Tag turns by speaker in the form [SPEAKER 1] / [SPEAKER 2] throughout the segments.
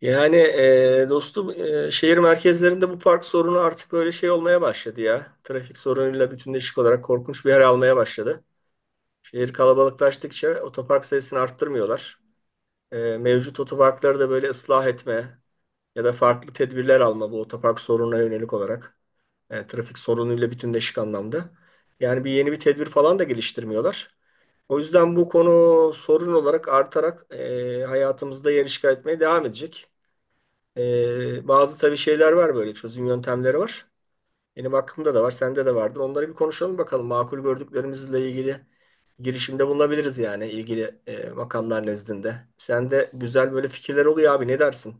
[SPEAKER 1] Yani, dostum, şehir merkezlerinde bu park sorunu artık böyle şey olmaya başladı ya. Trafik sorunuyla bütünleşik olarak korkunç bir yer almaya başladı. Şehir kalabalıklaştıkça otopark sayısını arttırmıyorlar. Mevcut otoparkları da böyle ıslah etme ya da farklı tedbirler alma bu otopark sorununa yönelik olarak. Trafik sorunuyla bütünleşik anlamda. Yani bir yeni bir tedbir falan da geliştirmiyorlar. O yüzden bu konu sorun olarak artarak hayatımızda yer işgal etmeye devam edecek. Bazı tabii şeyler var, böyle çözüm yöntemleri var. Benim aklımda da var, sende de vardır. Onları bir konuşalım bakalım. Makul gördüklerimizle ilgili girişimde bulunabiliriz yani ilgili makamlar nezdinde. Sende güzel böyle fikirler oluyor abi, ne dersin?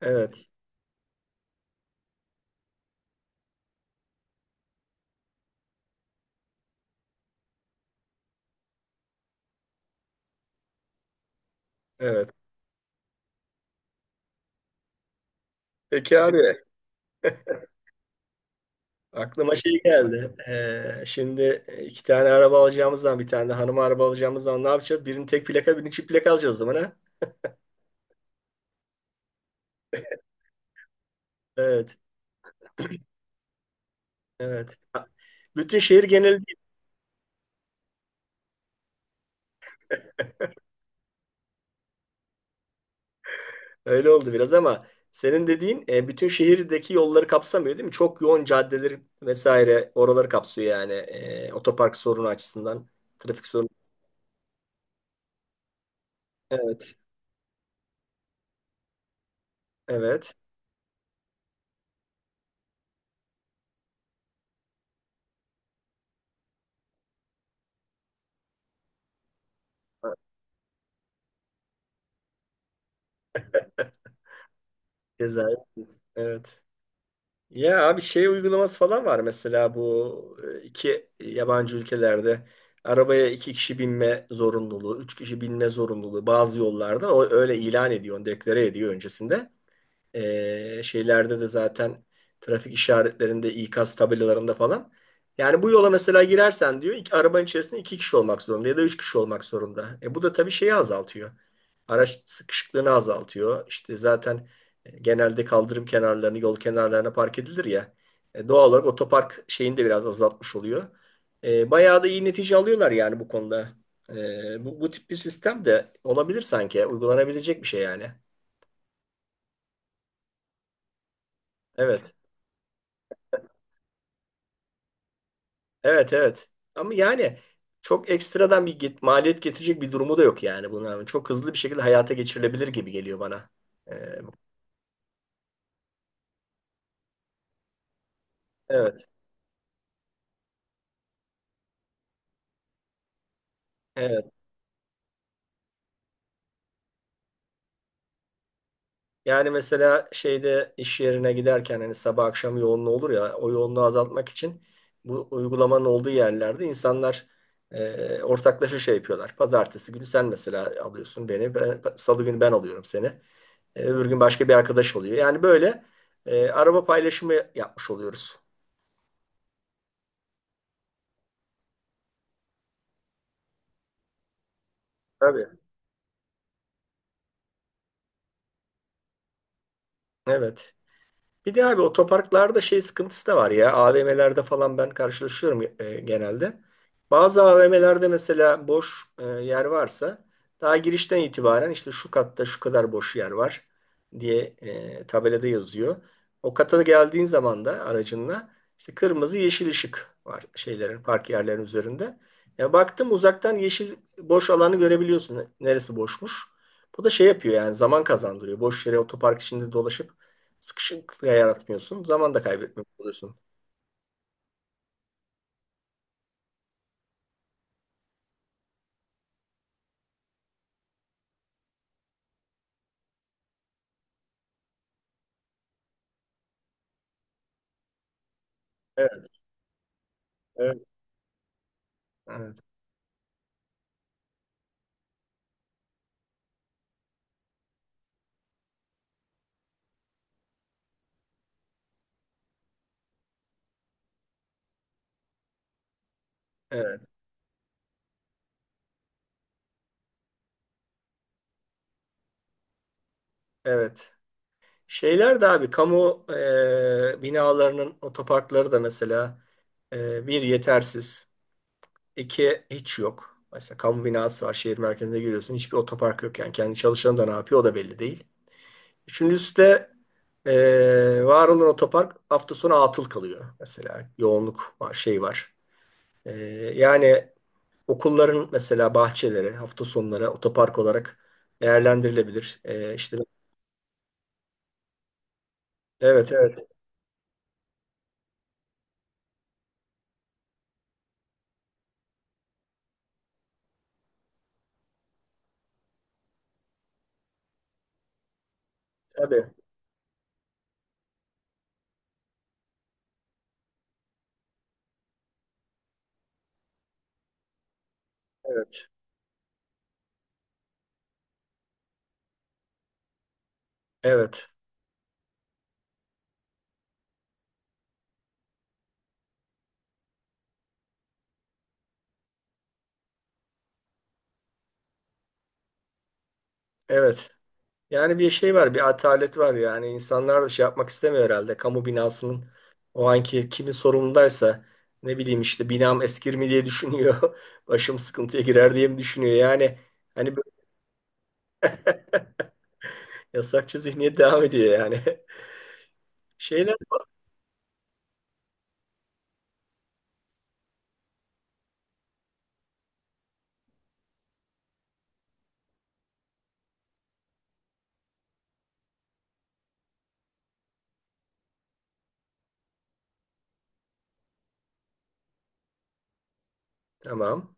[SPEAKER 1] Evet, evet. Peki abi, aklıma şey geldi. Şimdi iki tane araba alacağımız zaman bir tane de hanıma araba alacağımız zaman ne yapacağız? Birini tek plaka birini çift plaka alacağız o zaman ha? Evet, evet. Bütün şehir geneli. Öyle oldu biraz ama senin dediğin bütün şehirdeki yolları kapsamıyor değil mi? Çok yoğun caddeleri vesaire oraları kapsıyor yani. Otopark sorunu açısından, trafik sorunu. Evet, evet. Cezayir. Evet. Ya abi, şey uygulaması falan var mesela, bu iki yabancı ülkelerde arabaya iki kişi binme zorunluluğu, üç kişi binme zorunluluğu bazı yollarda o öyle ilan ediyor, deklare ediyor öncesinde. Şeylerde de zaten, trafik işaretlerinde, ikaz tabelalarında falan. Yani bu yola mesela girersen diyor, iki, arabanın içerisinde iki kişi olmak zorunda ya da üç kişi olmak zorunda. Bu da tabii şeyi azaltıyor. Araç sıkışıklığını azaltıyor. İşte zaten genelde kaldırım kenarlarını, yol kenarlarına park edilir ya. Doğal olarak otopark şeyini de biraz azaltmış oluyor. Bayağı da iyi netice alıyorlar yani bu konuda. Bu tip bir sistem de olabilir sanki. Uygulanabilecek bir şey yani. Evet. Evet, evet. Ama yani çok ekstradan bir maliyet getirecek bir durumu da yok yani bunların. Çok hızlı bir şekilde hayata geçirilebilir gibi geliyor bana. Ee, evet. Evet. Yani mesela şeyde iş yerine giderken hani sabah akşam yoğunluğu olur ya, o yoğunluğu azaltmak için bu uygulamanın olduğu yerlerde insanlar ortaklaşa şey yapıyorlar. Pazartesi günü sen mesela alıyorsun beni. Salı günü ben alıyorum seni. Öbür gün başka bir arkadaş oluyor. Yani böyle araba paylaşımı yapmış oluyoruz. Tabii. Evet. Bir de abi, otoparklarda şey sıkıntısı da var ya. AVM'lerde falan ben karşılaşıyorum, genelde. Bazı AVM'lerde mesela boş yer varsa, daha girişten itibaren işte şu katta şu kadar boş yer var diye tabelada yazıyor. O kata geldiğin zaman da aracınla işte kırmızı yeşil ışık var şeylerin, park yerlerinin üzerinde. Ya baktım uzaktan yeşil boş alanı görebiliyorsun. Neresi boşmuş? Bu da şey yapıyor yani, zaman kazandırıyor. Boş yere otopark içinde dolaşıp sıkışıklık yaratmıyorsun. Zaman da kaybetmemiş oluyorsun. Evet, evet, evet, evet, evet. Şeyler de abi kamu binalarının otoparkları da mesela bir yetersiz, iki hiç yok. Mesela kamu binası var, şehir merkezine giriyorsun, hiçbir otopark yok yani kendi çalışanı da ne yapıyor o da belli değil. Üçüncüsü de var olan otopark hafta sonu atıl kalıyor mesela, yoğunluk var, şey var. E, Yani okulların mesela bahçeleri hafta sonları otopark olarak değerlendirilebilir. İşte evet, evet, tabii, evet, evet, evet. Yani bir şey var, bir atalet var yani, insanlar da şey yapmak istemiyor herhalde. Kamu binasının o anki kimin sorumlundaysa, ne bileyim işte, binam eskir mi diye düşünüyor. Başım sıkıntıya girer diye mi düşünüyor yani. Hani böyle yasakçı zihniyet devam ediyor yani. Şeyler tamam,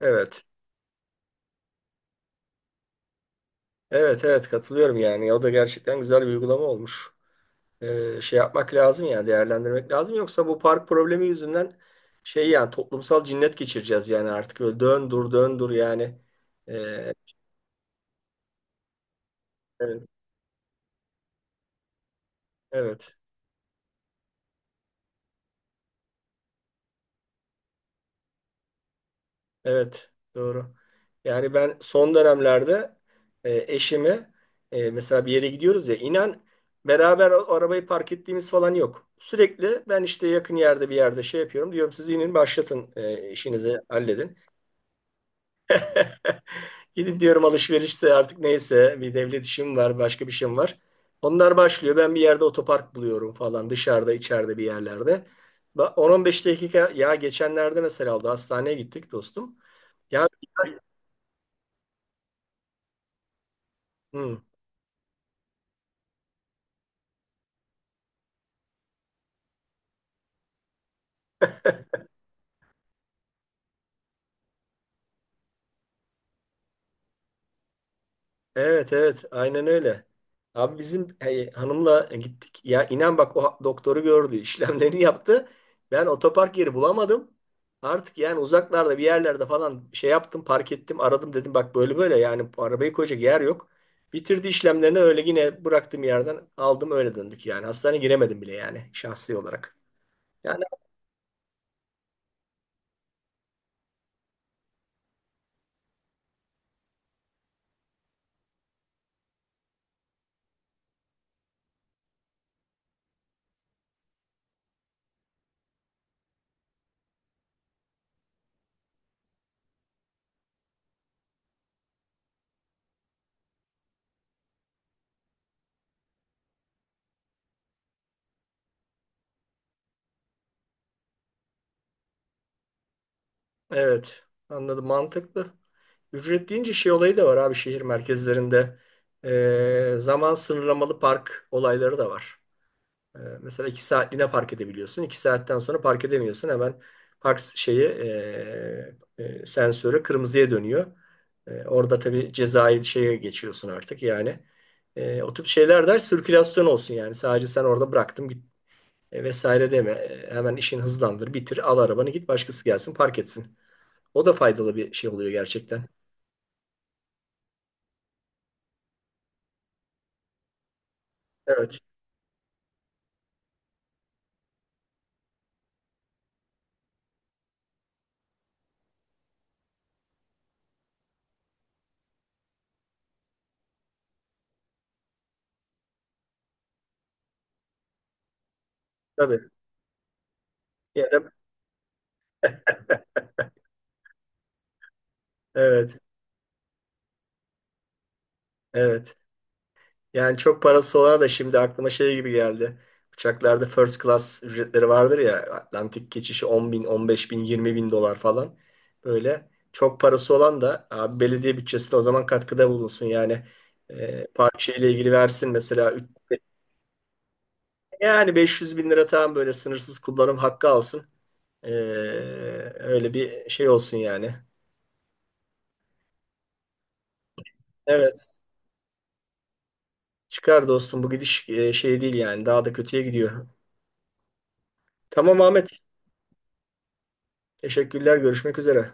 [SPEAKER 1] evet, evet, evet, katılıyorum yani, o da gerçekten güzel bir uygulama olmuş. Şey yapmak lazım yani, değerlendirmek lazım. Yoksa bu park problemi yüzünden şey, yani toplumsal cinnet geçireceğiz yani, artık böyle dön dur dön dur yani. E, evet, evet, evet, doğru. Yani ben son dönemlerde eşimi, mesela bir yere gidiyoruz ya, inan, beraber arabayı park ettiğimiz falan yok. Sürekli ben işte yakın yerde bir yerde şey yapıyorum diyorum, siz inin başlatın işinizi halledin. Gidin diyorum, alışverişse artık neyse, bir devlet işim var, başka bir şeyim var. Onlar başlıyor, ben bir yerde otopark buluyorum falan, dışarıda içeride bir yerlerde. Ba- 10-15 dakika ya, geçenlerde mesela oldu, hastaneye gittik dostum. Ya. Hı. Evet, evet, aynen öyle. Abi bizim, hey, hanımla gittik. Ya inan bak, o doktoru gördü. işlemlerini yaptı. Ben otopark yeri bulamadım. Artık yani uzaklarda bir yerlerde falan şey yaptım, park ettim, aradım, dedim bak böyle böyle yani, bu arabayı koyacak yer yok. Bitirdi işlemlerini, öyle yine bıraktığım yerden aldım, öyle döndük yani. Hastaneye giremedim bile yani şahsi olarak. Yani. Evet, anladım, mantıklı. Ücret deyince şey olayı da var abi, şehir merkezlerinde. Zaman sınırlamalı park olayları da var. Mesela 2 saatliğine park edebiliyorsun. 2 saatten sonra park edemiyorsun. Hemen park şeyi, sensörü kırmızıya dönüyor. Orada tabii cezai şeye geçiyorsun artık yani. O tip şeyler der, sirkülasyon olsun yani. Sadece sen orada bıraktım git vesaire deme. Hemen işin hızlandır, bitir, al arabanı git, başkası gelsin park etsin. O da faydalı bir şey oluyor gerçekten. Evet. Tabii. Ya da- evet. Evet. Yani çok parası olan da, şimdi aklıma şey gibi geldi. Uçaklarda first class ücretleri vardır ya. Atlantik geçişi 10 bin, 15 bin, 20 bin dolar falan. Böyle çok parası olan da abi, belediye bütçesine o zaman katkıda bulunsun. Yani park şeyle ilgili versin mesela. Yani 500 bin lira tamam, böyle sınırsız kullanım hakkı alsın. E, Öyle bir şey olsun yani. Evet. Çıkar dostum, bu gidiş şey değil yani, daha da kötüye gidiyor. Tamam Ahmet. Teşekkürler. Görüşmek üzere.